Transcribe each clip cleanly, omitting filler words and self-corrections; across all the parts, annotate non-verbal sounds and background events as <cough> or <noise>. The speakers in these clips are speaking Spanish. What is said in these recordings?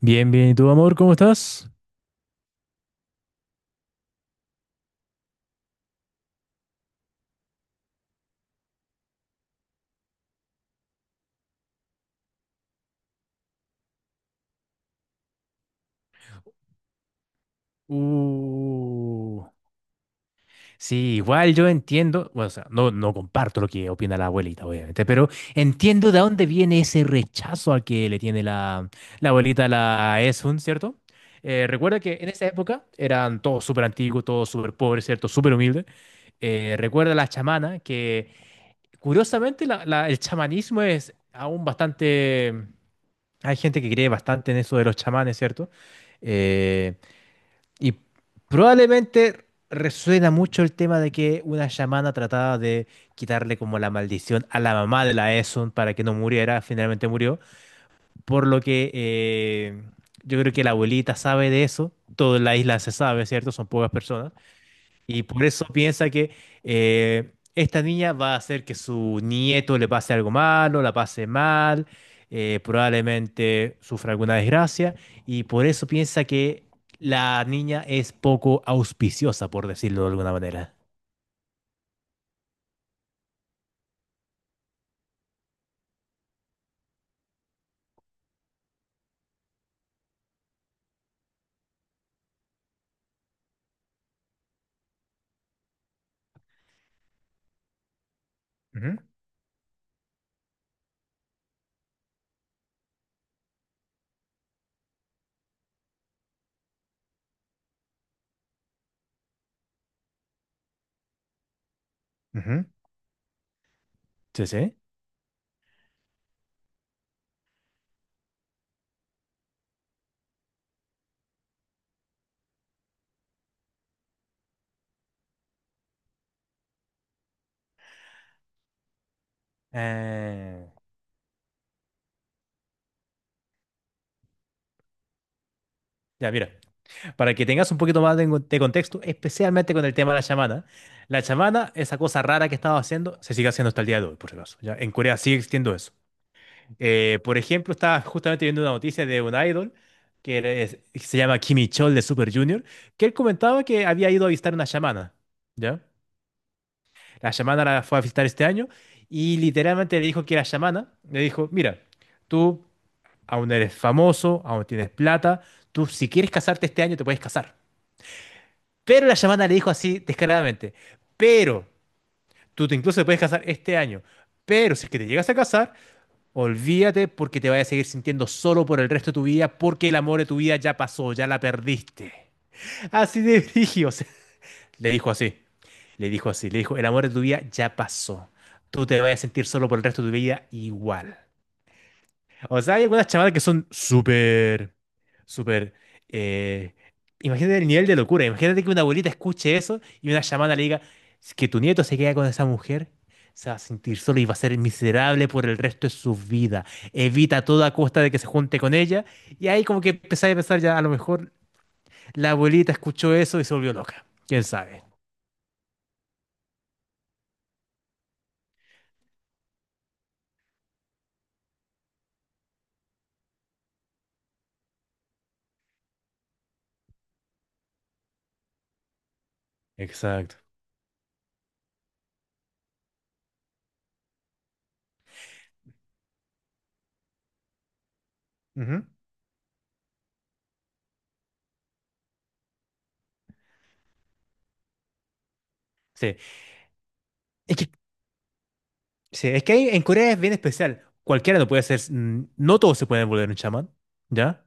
Bien, bien. ¿Y tú, amor, cómo estás? Uh, sí, igual yo entiendo, bueno, o sea, no, no comparto lo que opina la abuelita, obviamente, pero entiendo de dónde viene ese rechazo al que le tiene la abuelita a la Esun, ¿cierto? Recuerda que en esa época eran todos súper antiguos, todos súper pobres, ¿cierto? Súper humildes. Recuerda la chamana, que curiosamente el chamanismo es aún bastante. Hay gente que cree bastante en eso de los chamanes, ¿cierto? Eh, Y probablemente resuena mucho el tema de que una chamana trataba de quitarle como la maldición a la mamá de la Esun para que no muriera, finalmente murió, por lo que yo creo que la abuelita sabe de eso, toda la isla se sabe, ¿cierto? Son pocas personas. Y por eso piensa que esta niña va a hacer que su nieto le pase algo malo, la pase mal, probablemente sufra alguna desgracia, y por eso piensa que la niña es poco auspiciosa, por decirlo de alguna manera. Ujú, ujú. Sí, sí. Eh, ya, mira, para que tengas un poquito más de contexto, especialmente con el tema de la chamana. La chamana, esa cosa rara que estaba haciendo, se sigue haciendo hasta el día de hoy, por si acaso. Ya, en Corea sigue existiendo eso. Por ejemplo, estaba justamente viendo una noticia de un idol se llama Kimi Chol de Super Junior, que él comentaba que había ido a visitar una chamana, ¿ya? La chamana la fue a visitar este año y literalmente le dijo que la chamana le dijo, mira, tú aún eres famoso, aún tienes plata, tú si quieres casarte este año te puedes casar. Pero la chamana le dijo así descaradamente, pero incluso te puedes casar este año, pero si es que te llegas a casar, olvídate porque te vas a seguir sintiendo solo por el resto de tu vida porque el amor de tu vida ya pasó, ya la perdiste. Así de brígido. Le dijo así. Le dijo así. Le dijo, el amor de tu vida ya pasó. Tú te vas a sentir solo por el resto de tu vida igual. O sea, hay algunas chamadas que son súper, súper… eh, imagínate el nivel de locura. Imagínate que una abuelita escuche eso y una chamana le diga: "Es que tu nieto se queda con esa mujer. Se va a sentir solo y va a ser miserable por el resto de su vida. Evita a toda costa de que se junte con ella". Y ahí como que empecé a pensar, ya, a lo mejor la abuelita escuchó eso y se volvió loca. ¿Quién sabe? Exacto. Ujú. Sí. Es que, sí, es que ahí en Corea es bien especial. Cualquiera no puede ser, mm, no todos se pueden volver un chamán, ¿ya?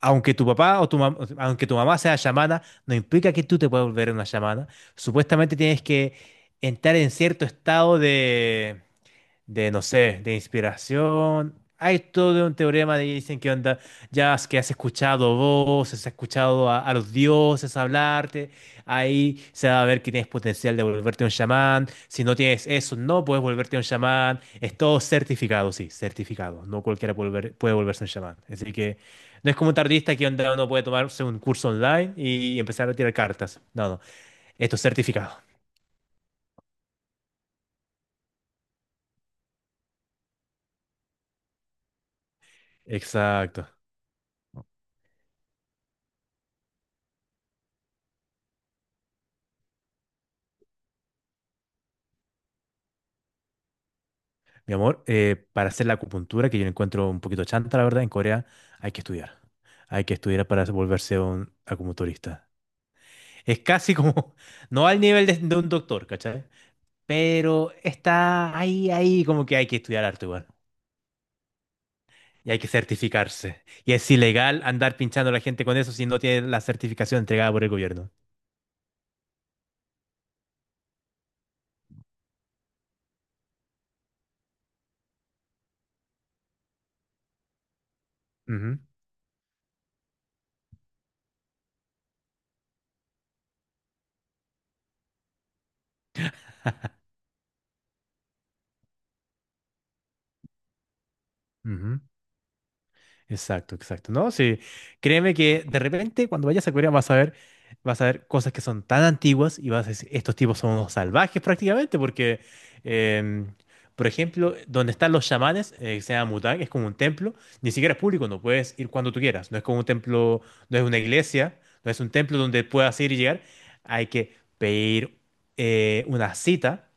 Aunque tu papá o aunque tu mamá sea chamana, no implica que tú te puedas volver una chamana. Supuestamente tienes que entrar en cierto estado de no sé, de inspiración. Hay todo un teorema de dicen que onda, ya es que has escuchado voces, has escuchado a los dioses hablarte, ahí se va a ver que tienes potencial de volverte un chamán. Si no tienes eso, no puedes volverte un chamán. Es todo certificado, sí, certificado. No cualquiera puede, puede volverse un chamán. Así que no es como un tardista que onda uno puede tomarse un curso online y empezar a tirar cartas. No, no, esto es certificado. Exacto. Mi amor, para hacer la acupuntura, que yo la encuentro un poquito chanta, la verdad, en Corea hay que estudiar. Hay que estudiar para volverse un acupunturista. Es casi como, <laughs> no al nivel de un doctor, ¿cachai? Pero está ahí, ahí, como que hay que estudiar arte igual. Y hay que certificarse. Y es ilegal andar pinchando a la gente con eso si no tiene la certificación entregada por el gobierno. Ujú, ujú. Exacto, exacto, ¿no? Sí, créeme que de repente cuando vayas a Corea vas a ver cosas que son tan antiguas y vas a decir, estos tipos son unos salvajes prácticamente, porque, em, por ejemplo, donde están los chamanes, que se llama Mutang, es como un templo, ni siquiera es público, no puedes ir cuando tú quieras, no es como un templo, no es una iglesia, no es un templo donde puedas ir y llegar, hay que pedir una cita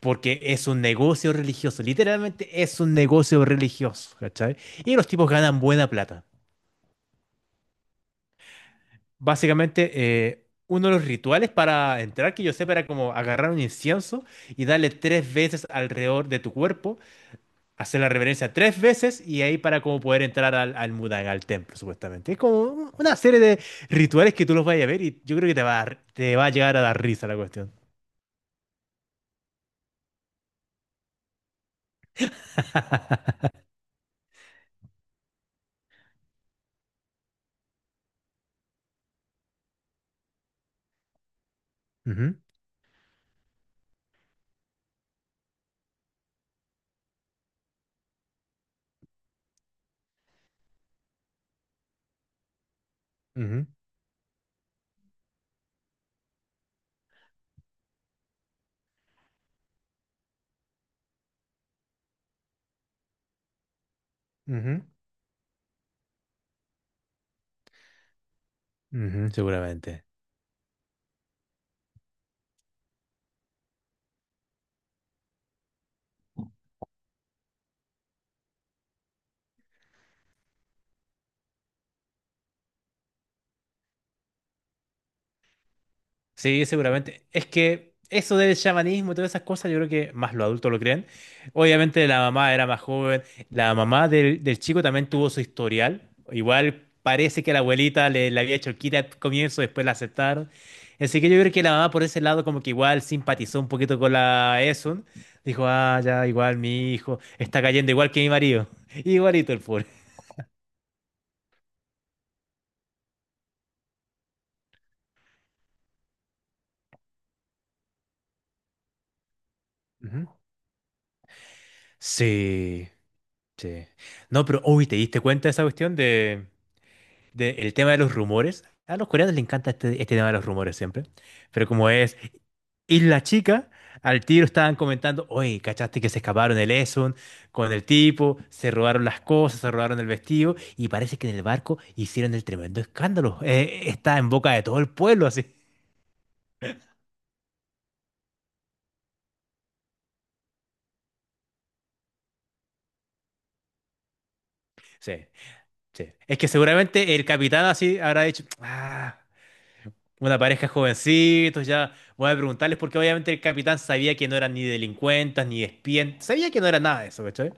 porque es un negocio religioso, literalmente es un negocio religioso, ¿cachai? Y los tipos ganan buena plata. Básicamente, uno de los rituales para entrar, que yo sé, era como agarrar un incienso y darle tres veces alrededor de tu cuerpo, hacer la reverencia tres veces y ahí para como poder entrar al Mudan, al templo, supuestamente. Es como una serie de rituales que tú los vayas a ver y yo creo que te va a llegar a dar risa la cuestión. Ujú, ujú, ujú, ujú, seguramente. Sí, seguramente. Es que eso del chamanismo y todas esas cosas, yo creo que más los adultos lo creen. Obviamente la mamá era más joven, la mamá del chico también tuvo su historial. Igual parece que la abuelita le había hecho quita al comienzo, después la aceptaron. Así que yo creo que la mamá por ese lado como que igual simpatizó un poquito con la Esun. Dijo, ah, ya, igual mi hijo está cayendo igual que mi marido. <laughs> Igualito el pobre. Ujú. Sí, sí. No, pero, uy, ¿te diste cuenta de esa cuestión de… el tema de los rumores. A los coreanos les encanta este tema de los rumores siempre. Pero como es Isla Chica, al tiro estaban comentando, oye, ¿cachaste que se escaparon el Esun con el tipo? Se robaron las cosas, se robaron el vestido y parece que en el barco hicieron el tremendo escándalo. Está en boca de todo el pueblo así. Sí, sí. Es que seguramente el capitán así habrá dicho, ah, una pareja jovencitos, ya voy a preguntarles porque obviamente el capitán sabía que no eran ni delincuentes, ni espías, sabía que no era nada de eso, ¿cachai?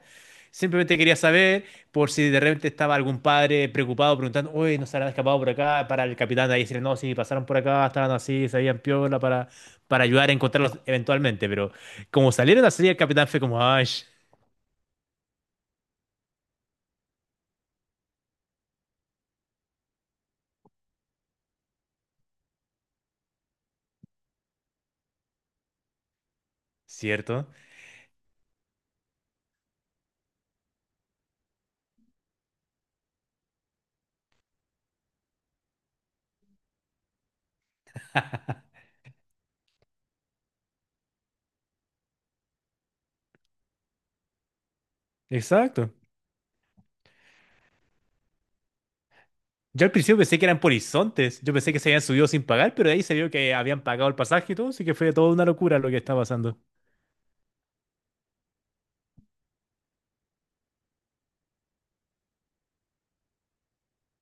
Simplemente quería saber por si de repente estaba algún padre preocupado preguntando, ¿uy nos habrán escapado por acá? Para el capitán de ahí decirle, no, sí, pasaron por acá, estaban así, sabían piola para ayudar a encontrarlos eventualmente. Pero como salieron así, el capitán fue como, ay, cierto. Exacto. Yo al principio pensé que eran por horizontes, yo pensé que se habían subido sin pagar, pero de ahí se vio que habían pagado el pasaje y todo, así que fue toda una locura lo que está pasando.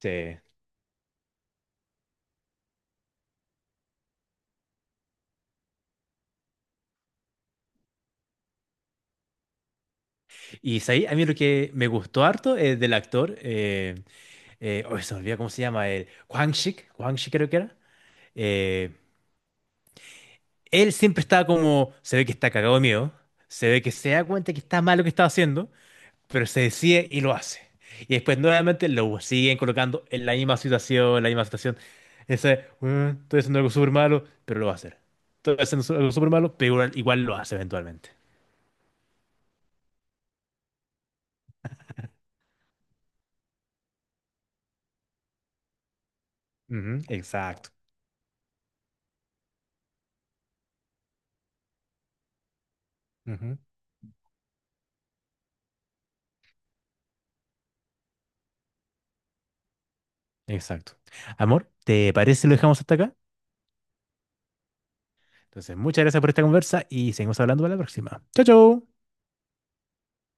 Sí. Y ahí a mí lo que me gustó harto es del actor. Oh, se me olvida cómo se llama, el Quang Shik, Quang Shik creo que era. eh, él siempre estaba como, se ve que está cagado de miedo, se ve que se da cuenta que está mal lo que está haciendo, pero se decide y lo hace. Y después nuevamente lo siguen colocando en la misma situación, en la misma situación. Ese, "Bueno, estoy haciendo algo súper malo, pero lo va a hacer. Estoy haciendo algo súper malo, pero igual, igual lo hace eventualmente". Ujú, exacto. Ujú, exacto. Amor, ¿te parece si lo dejamos hasta acá? Entonces, muchas gracias por esta conversa y seguimos hablando para la próxima. Chao, chao.